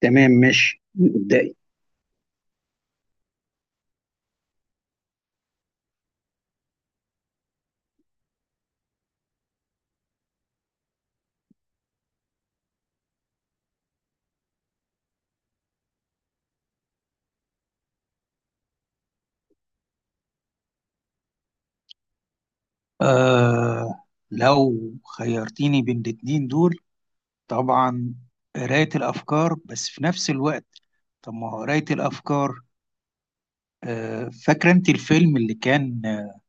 تمام، ماشي ابدأي. آه لو خيرتيني بين الاتنين دول طبعا قراية الأفكار، بس في نفس الوقت طب ما هو قراية الأفكار؟ آه، فاكرة أنت الفيلم اللي كان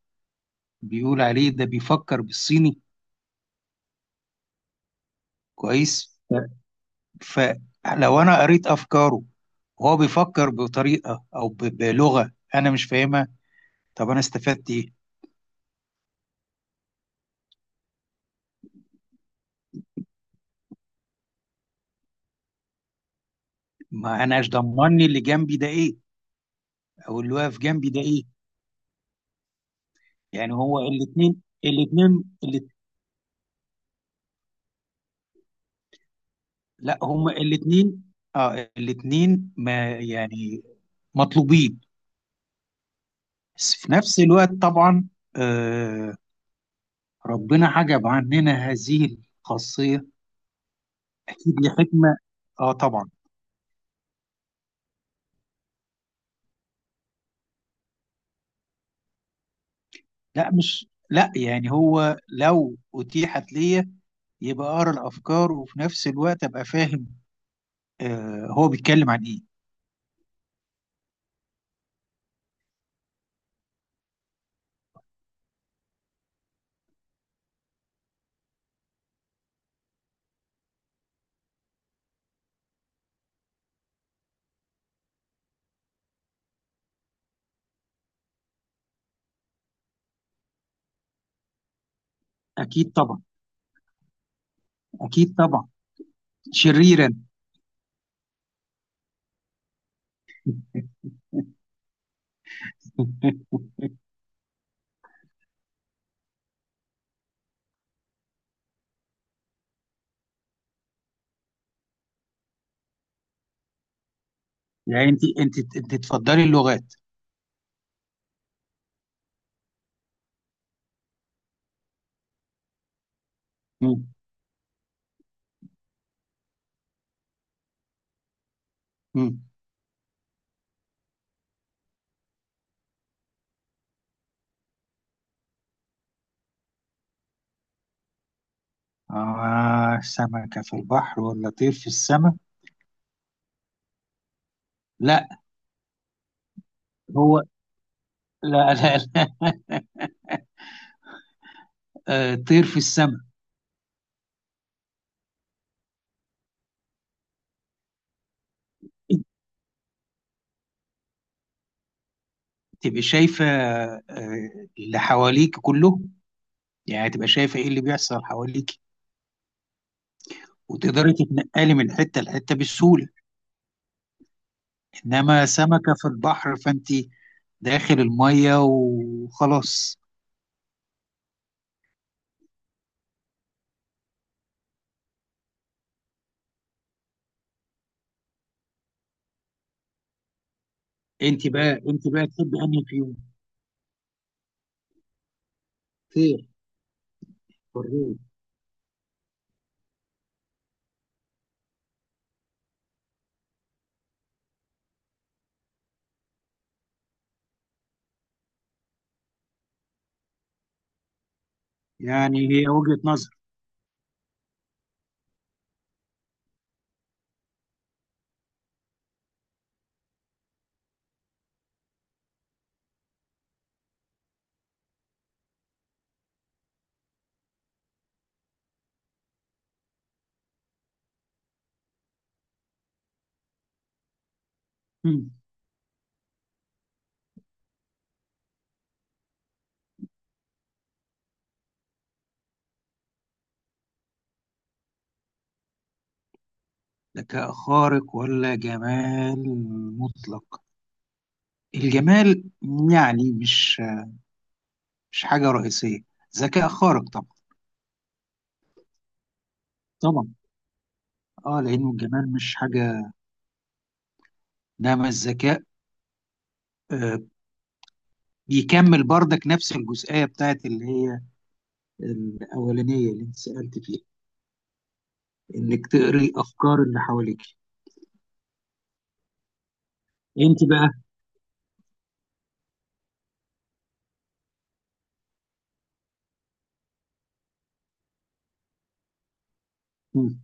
بيقول عليه ده بيفكر بالصيني؟ كويس. ف- فلو أنا قريت أفكاره وهو بيفكر بطريقة أو بلغة أنا مش فاهمها، طب أنا استفدت إيه؟ ما أناش ضمني اللي جنبي ده إيه، أو اللي واقف جنبي ده إيه. يعني هو لا، هما الاثنين. اه، الاثنين ما يعني مطلوبين، بس في نفس الوقت طبعا. آه، ربنا حجب عننا هذه الخاصية أكيد لحكمة. اه طبعا. لا، مش لا، يعني هو لو أتيحت ليا يبقى أقرأ الأفكار، وفي نفس الوقت أبقى فاهم آه هو بيتكلم عن إيه. أكيد طبعا، أكيد طبعا، شريرا. يعني أنت، أنت تفضلي اللغات. مم. آه، سمكة في البحر ولا طير في السماء؟ لا، هو، لا آه، طير في السماء. تبقى شايفة آه اللي حواليك كله، يعني تبقى شايفة إيه اللي بيحصل حواليك، وتقدري تتنقلي من حتة لحتة بسهولة. إنما سمكة في البحر فأنت داخل المية وخلاص. أنت بقى، أنت بقى تحب أنهي فيهم؟ طير، حرية. يعني هي وجهة نظر. ذكاء خارق ولا جمال مطلق؟ الجمال يعني مش حاجة رئيسية، ذكاء خارق طبعا. طبعا. اه لأنه الجمال مش حاجة، إنما الذكاء آه بيكمل بردك نفس الجزئية بتاعت اللي هي الأولانية اللي أنت سألت فيها، إنك تقري أفكار اللي حواليك. أنت بقى. مم.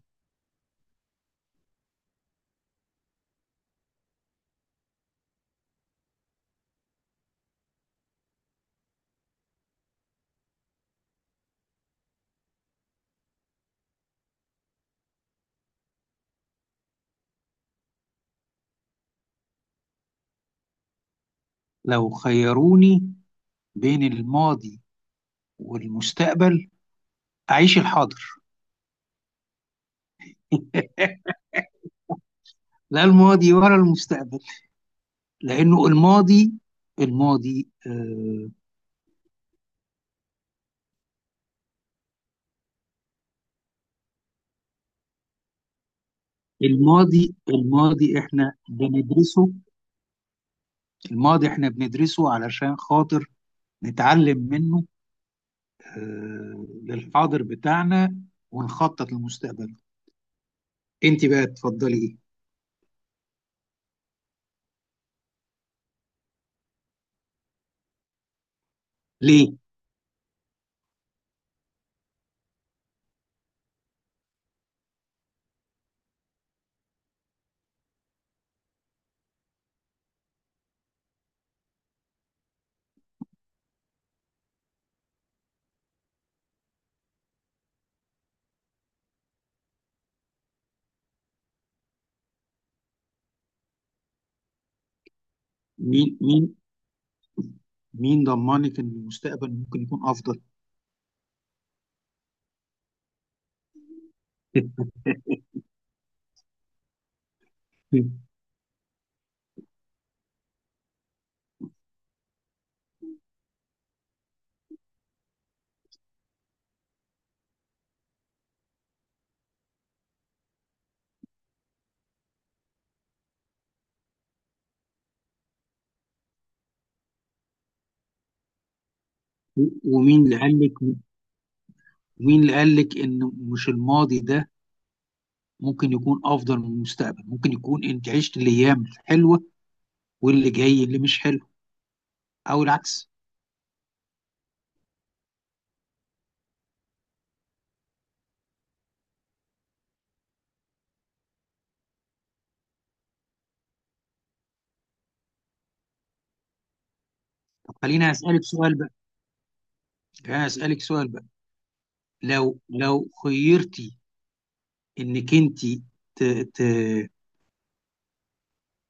لو خيروني بين الماضي والمستقبل أعيش الحاضر. لا الماضي ولا المستقبل، لأنه الماضي، آه، الماضي احنا بندرسه، الماضي احنا بندرسه علشان خاطر نتعلم منه آه للحاضر بتاعنا، ونخطط للمستقبل. انت بقى تفضلي ايه؟ ليه؟ مين، مين ضمنك ان المستقبل ممكن يكون افضل؟ ومين اللي قال لك، مين اللي قال لك ان مش الماضي ده ممكن يكون افضل من المستقبل؟ ممكن يكون انت عشت الايام الحلوه واللي جاي اللي مش حلو، او العكس. طب خليني اسالك سؤال بقى، خليني اسالك سؤال بقى. لو خيرتي انك انت ت... ت...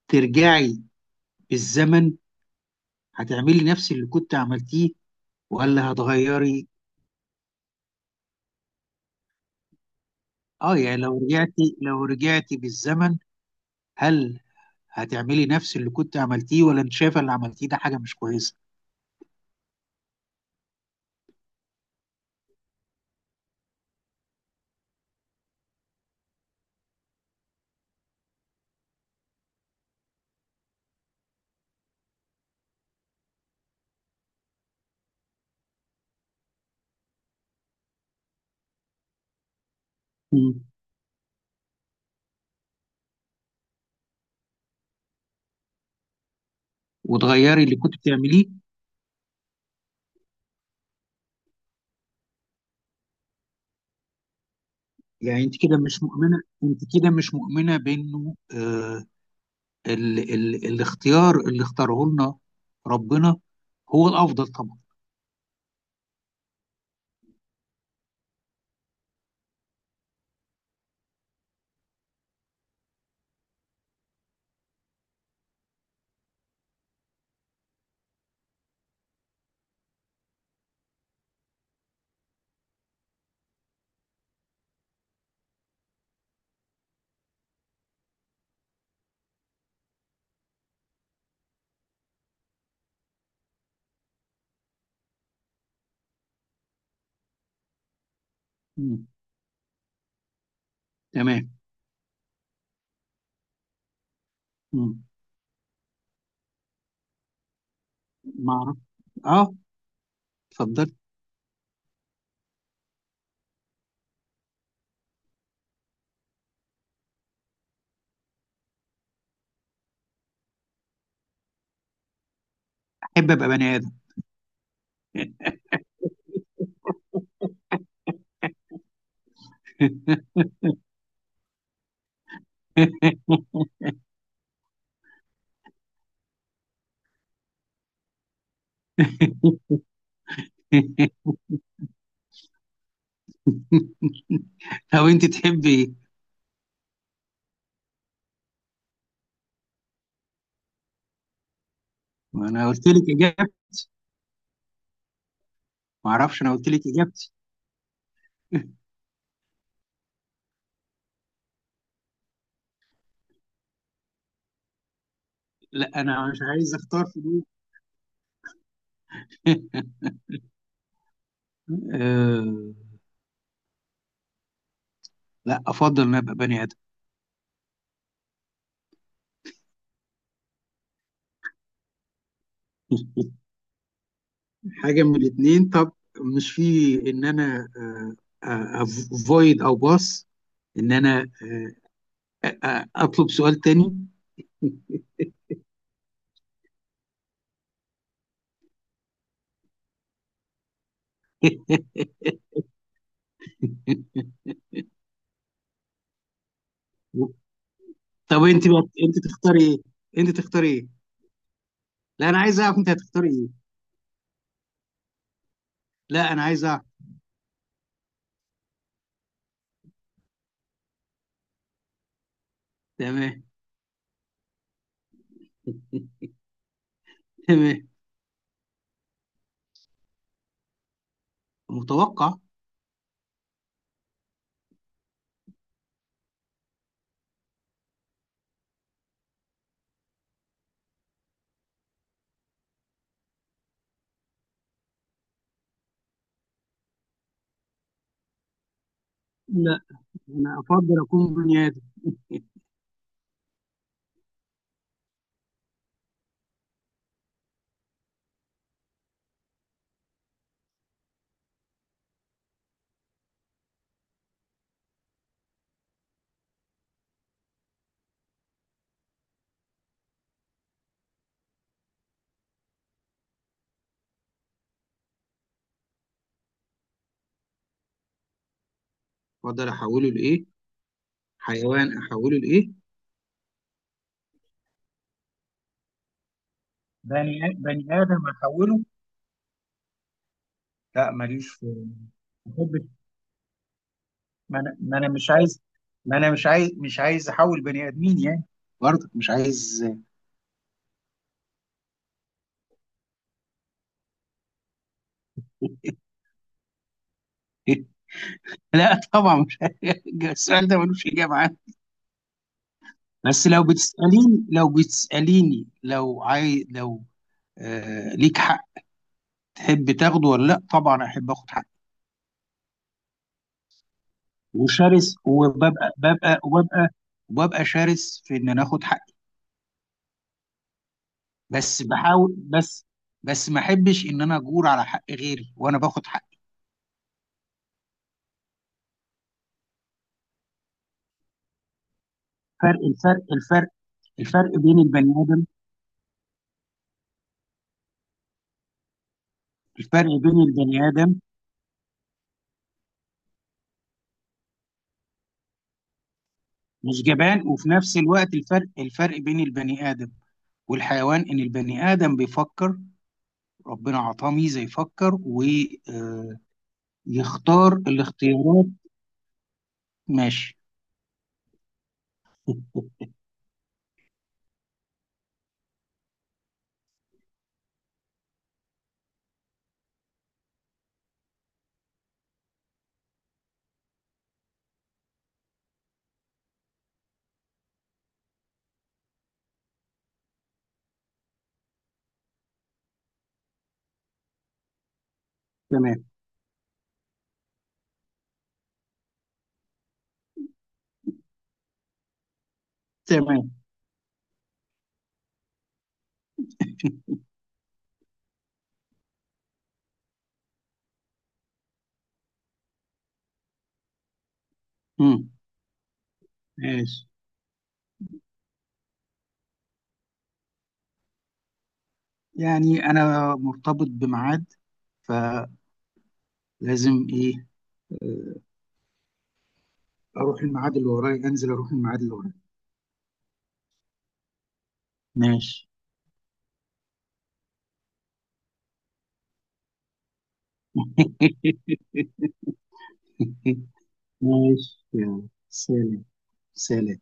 ترجعي بالزمن، هتعملي نفس اللي كنت عملتيه ولا هتغيري؟ اه يعني لو رجعتي، لو رجعتي بالزمن هل هتعملي نفس اللي كنت عملتيه، ولا انت شايفه اللي عملتيه ده حاجه مش كويسه؟ مم. وتغيري اللي كنت بتعمليه. يعني انت كده مش مؤمنه، انت كده مش مؤمنه بانه ال الاختيار اللي اختاره لنا ربنا هو الافضل طبعا؟ مم. تمام. مم. ما اعرف. اه، اتفضل. احب ابقى بني ادم. لو انت تحبي ايه؟ ما انا قلت لك اجابتي، ما اعرفش، انا قلت لك اجابتي. لا، انا مش عايز اختار في دول. آه، لا، افضل ان أنا ابقى بني ادم. حاجه من الاثنين؟ طب مش في ان انا افويد او باص، ان انا اطلب سؤال تاني؟ طب انت بقى، انت تختاري ايه؟ انت تختاري ايه؟ لا، انا عايز اعرف انت هتختاري ايه. لا، انا عايز اعرف. تمام. تمام. متوقع. لا، انا افضل اكون بني ادم. افضل احوله لايه؟ حيوان احوله لايه؟ بني آدم أحوله؟ لا، ماليش في، ما بحبش، ما أنا مش عايز، ما أنا مش عايز، مش عايز أحول بني آدمين يعني، برضك مش عايز. لا طبعا مش السؤال ده ملوش اجابه عنه. بس لو بتساليني، لو بتساليني، لو آه ليك حق تحب تاخده ولا لا، طبعا احب اخد حقي. وشرس، وببقى ببقى وببقى وببقى شرس في ان انا اخد حقي، بس بحاول، بس ما احبش ان انا اجور على حق غيري وانا باخد حقي. فرق الفرق الفرق الفرق بين البني ادم، الفرق بين البني ادم مش جبان، وفي نفس الوقت الفرق، بين البني ادم والحيوان، ان البني ادم بيفكر، ربنا عطاه ميزه يفكر ويختار الاختيارات. ماشي. تمام. تمام. مم. ماشي، يعني انا مرتبط بميعاد فلازم ايه آه، اروح الميعاد اللي ورايا، انزل اروح الميعاد اللي ورايا. ماشي. ماشي يلا. سلام، سلام.